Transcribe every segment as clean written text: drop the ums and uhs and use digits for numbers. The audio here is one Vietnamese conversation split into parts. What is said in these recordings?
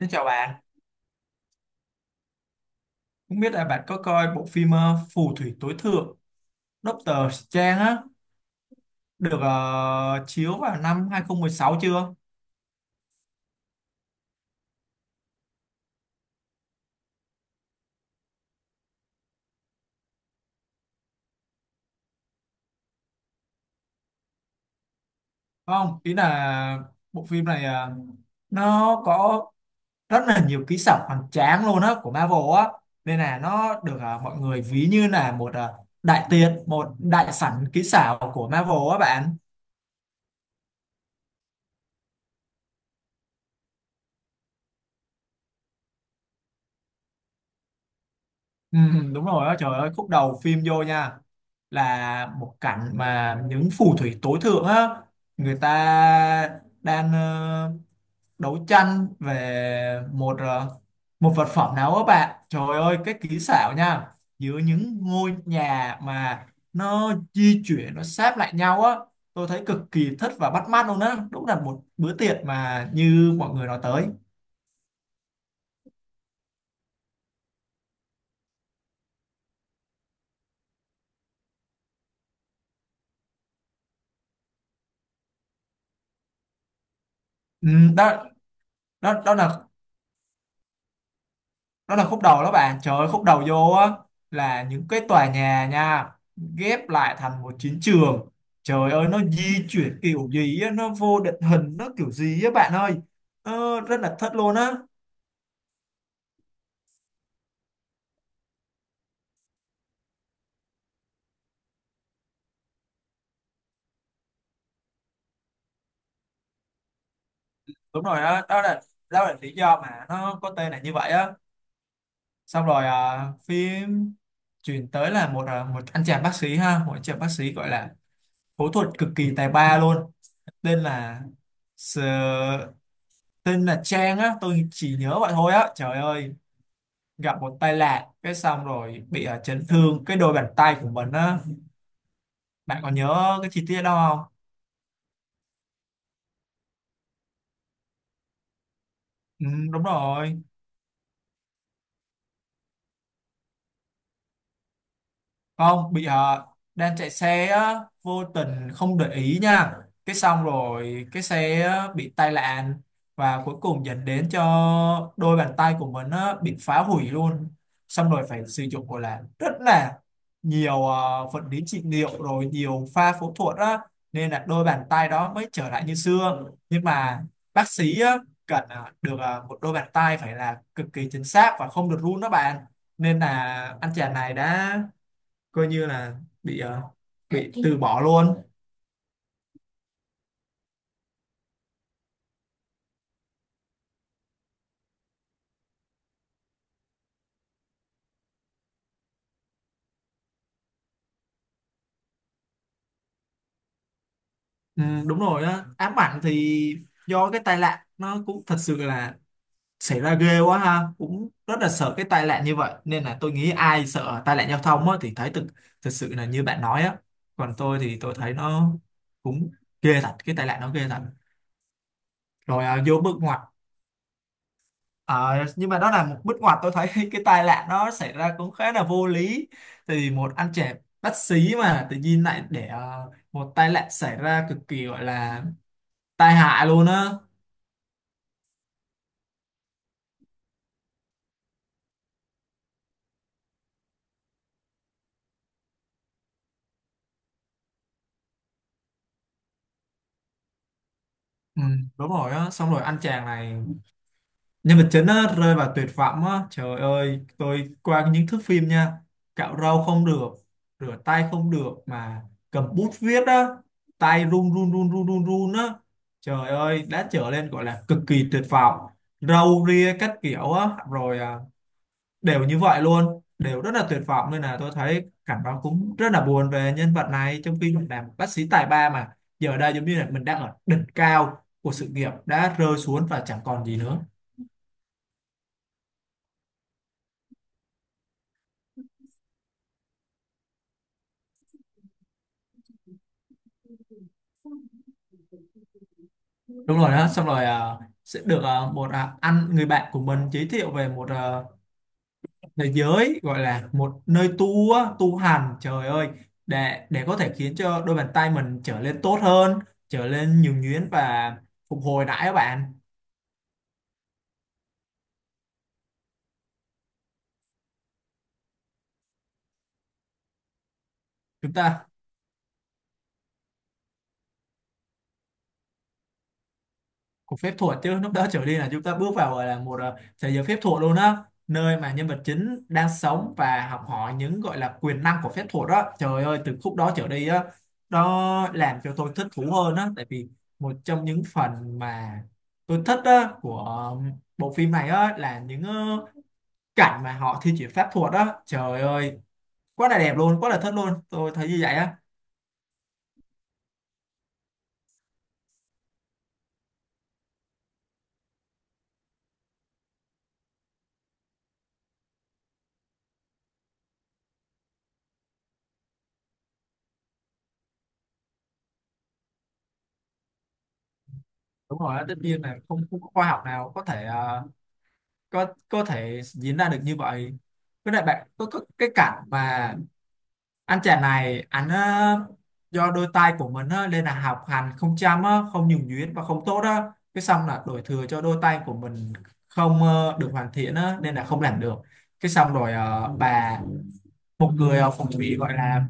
Xin chào bạn, không biết là bạn có coi bộ phim Phù thủy tối thượng Doctor Strange á được chiếu vào năm 2016 chưa? Không, ý là bộ phim này nó có rất là nhiều kỹ xảo hoành tráng luôn á của Marvel á nên là nó được mọi người ví như là một đại tiệc, một đại sảnh kỹ xảo của Marvel á bạn. Ừ, ừ, đúng rồi á, trời ơi khúc đầu phim vô nha là một cảnh mà những phù thủy tối thượng á, người ta đang đấu tranh về một một vật phẩm nào á bạn, trời ơi cái kỹ xảo nha, giữa những ngôi nhà mà nó di chuyển, nó sáp lại nhau á. Tôi thấy cực kỳ thích và bắt mắt luôn á, đúng là một bữa tiệc mà như mọi người nói tới. Ừ, đó đó đó là khúc đầu đó bạn, trời ơi khúc đầu vô á là những cái tòa nhà nha, ghép lại thành một chiến trường. Trời ơi nó di chuyển kiểu gì á, nó vô định hình, nó kiểu gì á bạn ơi, rất là thất luôn á. Đúng rồi, đó đó là lý do mà nó có tên là như vậy á. Xong rồi phim chuyển tới là một một anh chàng bác sĩ ha, một anh chàng bác sĩ gọi là phẫu thuật cực kỳ tài ba luôn, tên là Sờ- tên là Trang á, tôi chỉ nhớ vậy thôi á, trời ơi gặp một tai nạn cái xong rồi bị chấn thương cái đôi bàn tay của mình á. Bạn còn nhớ cái chi tiết đó không? Ừ, đúng rồi, không bị đang chạy xe á, vô tình không để ý nha, cái xong rồi cái xe á, bị tai nạn và cuối cùng dẫn đến cho đôi bàn tay của mình á, bị phá hủy luôn. Xong rồi phải sử dụng gọi là rất là nhiều vật lý trị liệu rồi nhiều pha phẫu thuật á, nên là đôi bàn tay đó mới trở lại như xưa. Nhưng mà bác sĩ á, cần được một đôi bàn tay phải là cực kỳ chính xác và không được run đó bạn, nên là anh chàng này đã coi như là bị bị từ bỏ luôn. Ừ, đúng rồi á, ám ảnh thì do cái tai nạn nó cũng thật sự là xảy ra ghê quá ha, cũng rất là sợ cái tai nạn như vậy nên là tôi nghĩ ai sợ tai nạn giao thông á, thì thấy thực, thật sự là như bạn nói á. Còn tôi thì tôi thấy nó cũng ghê thật, cái tai nạn nó ghê thật. Rồi vô bước ngoặt. Ờ, nhưng mà đó là một bước ngoặt, tôi thấy cái tai nạn nó xảy ra cũng khá là vô lý, thì một anh trẻ bất xí mà tự nhiên lại để một tai nạn xảy ra cực kỳ gọi là tai hại luôn á. Ừ, đúng rồi á, xong rồi anh chàng này, nhân vật chính á, rơi vào tuyệt vọng á, trời ơi tôi qua những thước phim nha, cạo râu không được, rửa tay không được mà cầm bút viết á, tay run run run run run run á, trời ơi đã trở lên gọi là cực kỳ tuyệt vọng, râu ria các kiểu á rồi đều như vậy luôn, đều rất là tuyệt vọng, nên là tôi thấy cảnh báo cũng rất là buồn về nhân vật này, trong khi mình làm bác sĩ tài ba mà giờ đây giống như là mình đang ở đỉnh cao của sự nghiệp đã rơi xuống và chẳng còn gì nữa. Đúng rồi đó, xong rồi sẽ được một anh người bạn của mình giới thiệu về một thế giới gọi là một nơi tu á, tu hành, trời ơi để có thể khiến cho đôi bàn tay mình trở lên tốt hơn, trở lên nhuần nhuyễn và phục hồi lại các bạn. Chúng ta cuộc phép thuật chứ lúc đó trở đi là chúng ta bước vào gọi là một thế giới phép thuật luôn á, nơi mà nhân vật chính đang sống và học hỏi những gọi là quyền năng của phép thuật đó, trời ơi từ khúc đó trở đi á, nó làm cho tôi thích thú hơn á, tại vì một trong những phần mà tôi thích á của bộ phim này á là những cảnh mà họ thi triển pháp thuật á, trời ơi quá là đẹp luôn, quá là thích luôn, tôi thấy như vậy á. Đúng rồi á, tất nhiên là không, không có khoa học nào có thể có thể diễn ra được như vậy. Với lại bạn có cái cảnh mà anh chàng này, anh do đôi tay của mình á, nên là học hành không chăm á, không nhuần nhuyễn và không tốt á, cái xong là đổ thừa cho đôi tay của mình không được hoàn thiện á, nên là không làm được. Cái xong rồi bà, một người phong thủy gọi là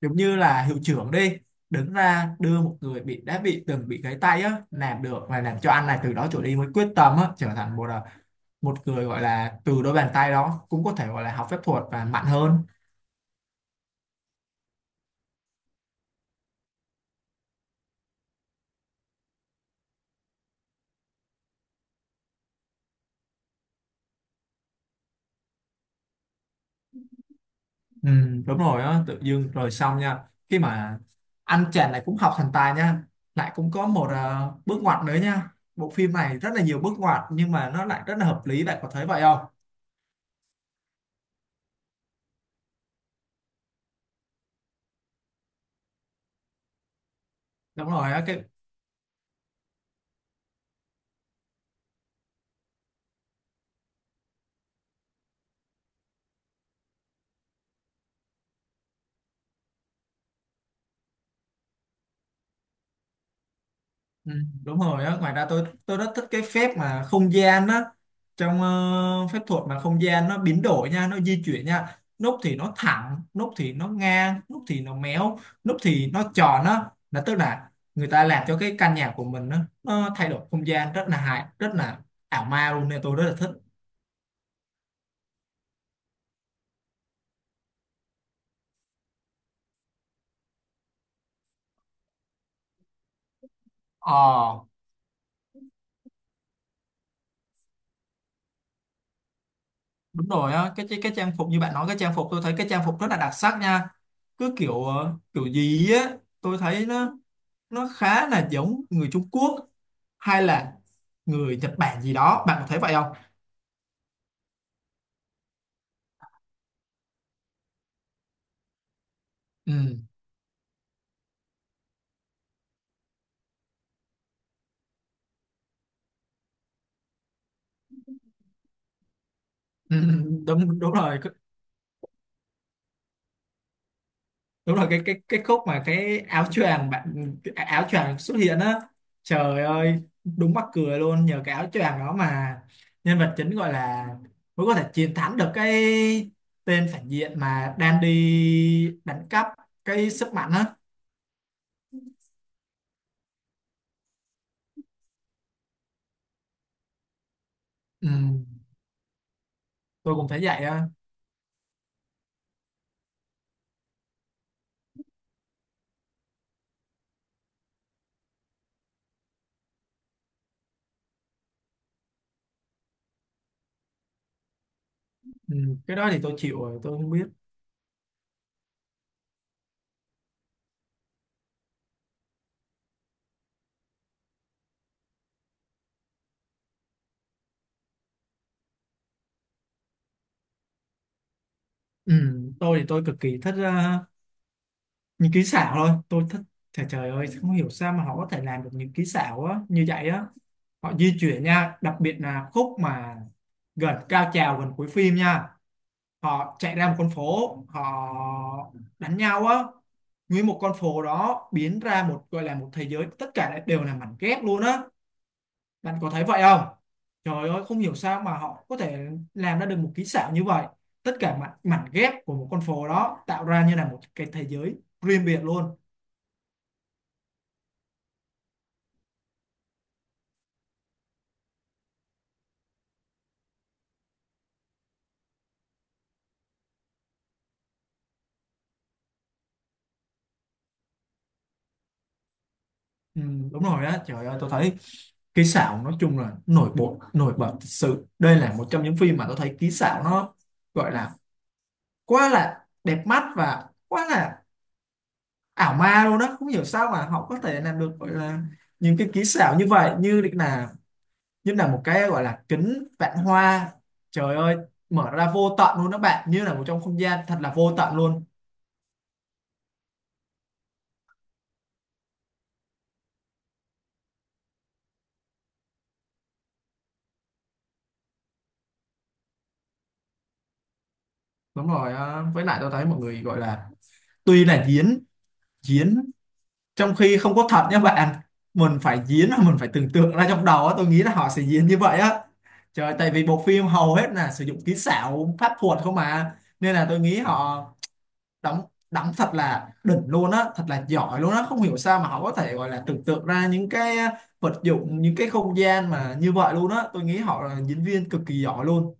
giống như là hiệu trưởng đi, đứng ra đưa một người bị đã bị từng bị gãy tay á làm được và làm cho anh này từ đó trở đi với quyết tâm á trở thành một một người gọi là từ đôi bàn tay đó cũng có thể gọi là học phép thuật và mạnh hơn. Ừ, đúng rồi á, tự dưng rồi xong nha, khi mà anh chàng này cũng học thành tài nha, lại cũng có một bước ngoặt nữa nha, bộ phim này rất là nhiều bước ngoặt nhưng mà nó lại rất là hợp lý. Bạn có thấy vậy không? Đúng rồi á cái. Ừ, đúng rồi á, ngoài ra tôi rất thích cái phép mà không gian á, trong phép thuật mà không gian nó biến đổi nha, nó di chuyển nha, nút thì nó thẳng, nút thì nó ngang, nút thì nó méo, nút thì nó tròn á, là tức là người ta làm cho cái căn nhà của mình á, nó thay đổi không gian rất là hài, rất là ảo ma luôn nên tôi rất là thích. ờ Đúng rồi á, cái trang phục như bạn nói, cái trang phục tôi thấy cái trang phục rất là đặc sắc nha, cứ kiểu kiểu gì á tôi thấy nó khá là giống người Trung Quốc hay là người Nhật Bản gì đó. Bạn có thấy vậy không? ừ, ừ, đúng đúng rồi. Đúng là cái cái khúc mà cái áo choàng bạn, cái áo choàng xuất hiện á, trời ơi đúng mắc cười luôn, nhờ cái áo choàng đó mà nhân vật chính gọi là mới có thể chiến thắng được cái tên phản diện mà đang đi đánh cắp cái sức mạnh á. Ừ, tôi cũng thấy vậy á. Ừ, cái đó thì tôi chịu rồi, tôi không biết. Ừ, tôi thì tôi cực kỳ thích những kỹ xảo thôi, tôi thích, trời trời ơi không hiểu sao mà họ có thể làm được những kỹ xảo á như vậy á. Họ di chuyển nha, đặc biệt là khúc mà gần cao trào gần cuối phim nha, họ chạy ra một con phố, họ đánh nhau á, nguyên một con phố đó biến ra một gọi là một thế giới, tất cả lại đều là mảnh ghép luôn á. Bạn có thấy vậy không? Trời ơi không hiểu sao mà họ có thể làm ra được một kỹ xảo như vậy, tất cả mảnh ghép của một con phố đó tạo ra như là một cái thế giới riêng biệt luôn. Ừ, đúng rồi á, trời ơi tôi thấy kỹ xảo nói chung là nổi bật, nổi bật thật sự, đây là một trong những phim mà tôi thấy kỹ xảo nó gọi là quá là đẹp mắt và quá là ảo ma luôn đó, không hiểu sao mà họ có thể làm được gọi là những cái kỹ xảo như vậy, như là một cái gọi là kính vạn hoa, trời ơi mở ra vô tận luôn đó bạn, như là một trong không gian thật là vô tận luôn. Đúng rồi, với lại tôi thấy mọi người gọi là tuy là diễn diễn trong khi không có thật nha bạn, mình phải diễn và mình phải tưởng tượng ra trong đầu á, tôi nghĩ là họ sẽ diễn như vậy á, trời tại vì bộ phim hầu hết là sử dụng kỹ xảo pháp thuật không mà, nên là tôi nghĩ họ đóng đóng thật là đỉnh luôn á, thật là giỏi luôn á, không hiểu sao mà họ có thể gọi là tưởng tượng ra những cái vật dụng, những cái không gian mà như vậy luôn á, tôi nghĩ họ là diễn viên cực kỳ giỏi luôn.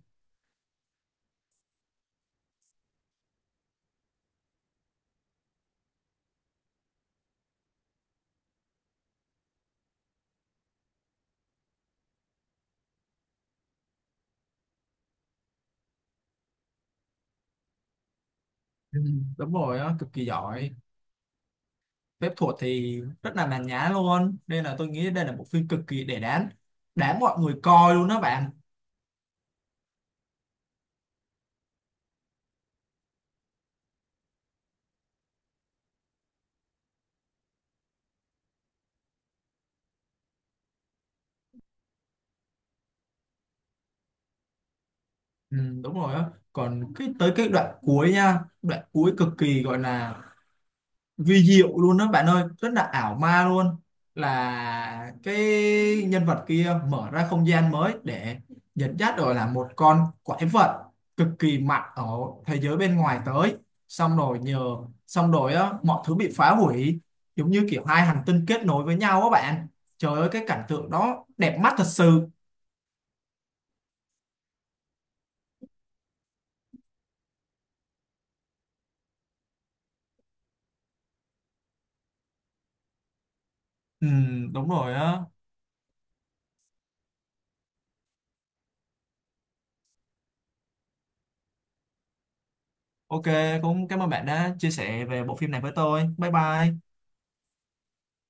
Ừ, đúng rồi á, cực kỳ giỏi, phép thuật thì rất là màn nhã luôn, nên là tôi nghĩ đây là một phim cực kỳ để đáng, đáng mọi người coi luôn đó bạn. Ừ, đúng rồi á, còn cái tới cái đoạn cuối nha, đoạn cuối cực kỳ gọi là vi diệu luôn đó bạn ơi, rất là ảo ma luôn, là cái nhân vật kia mở ra không gian mới để dẫn dắt rồi là một con quái vật cực kỳ mạnh ở thế giới bên ngoài tới, xong rồi nhờ xong rồi á, mọi thứ bị phá hủy, giống như kiểu hai hành tinh kết nối với nhau á bạn, trời ơi cái cảnh tượng đó đẹp mắt thật sự. Ừ, đúng rồi á. OK, cũng cảm ơn bạn đã chia sẻ về bộ phim này với tôi, bye bye.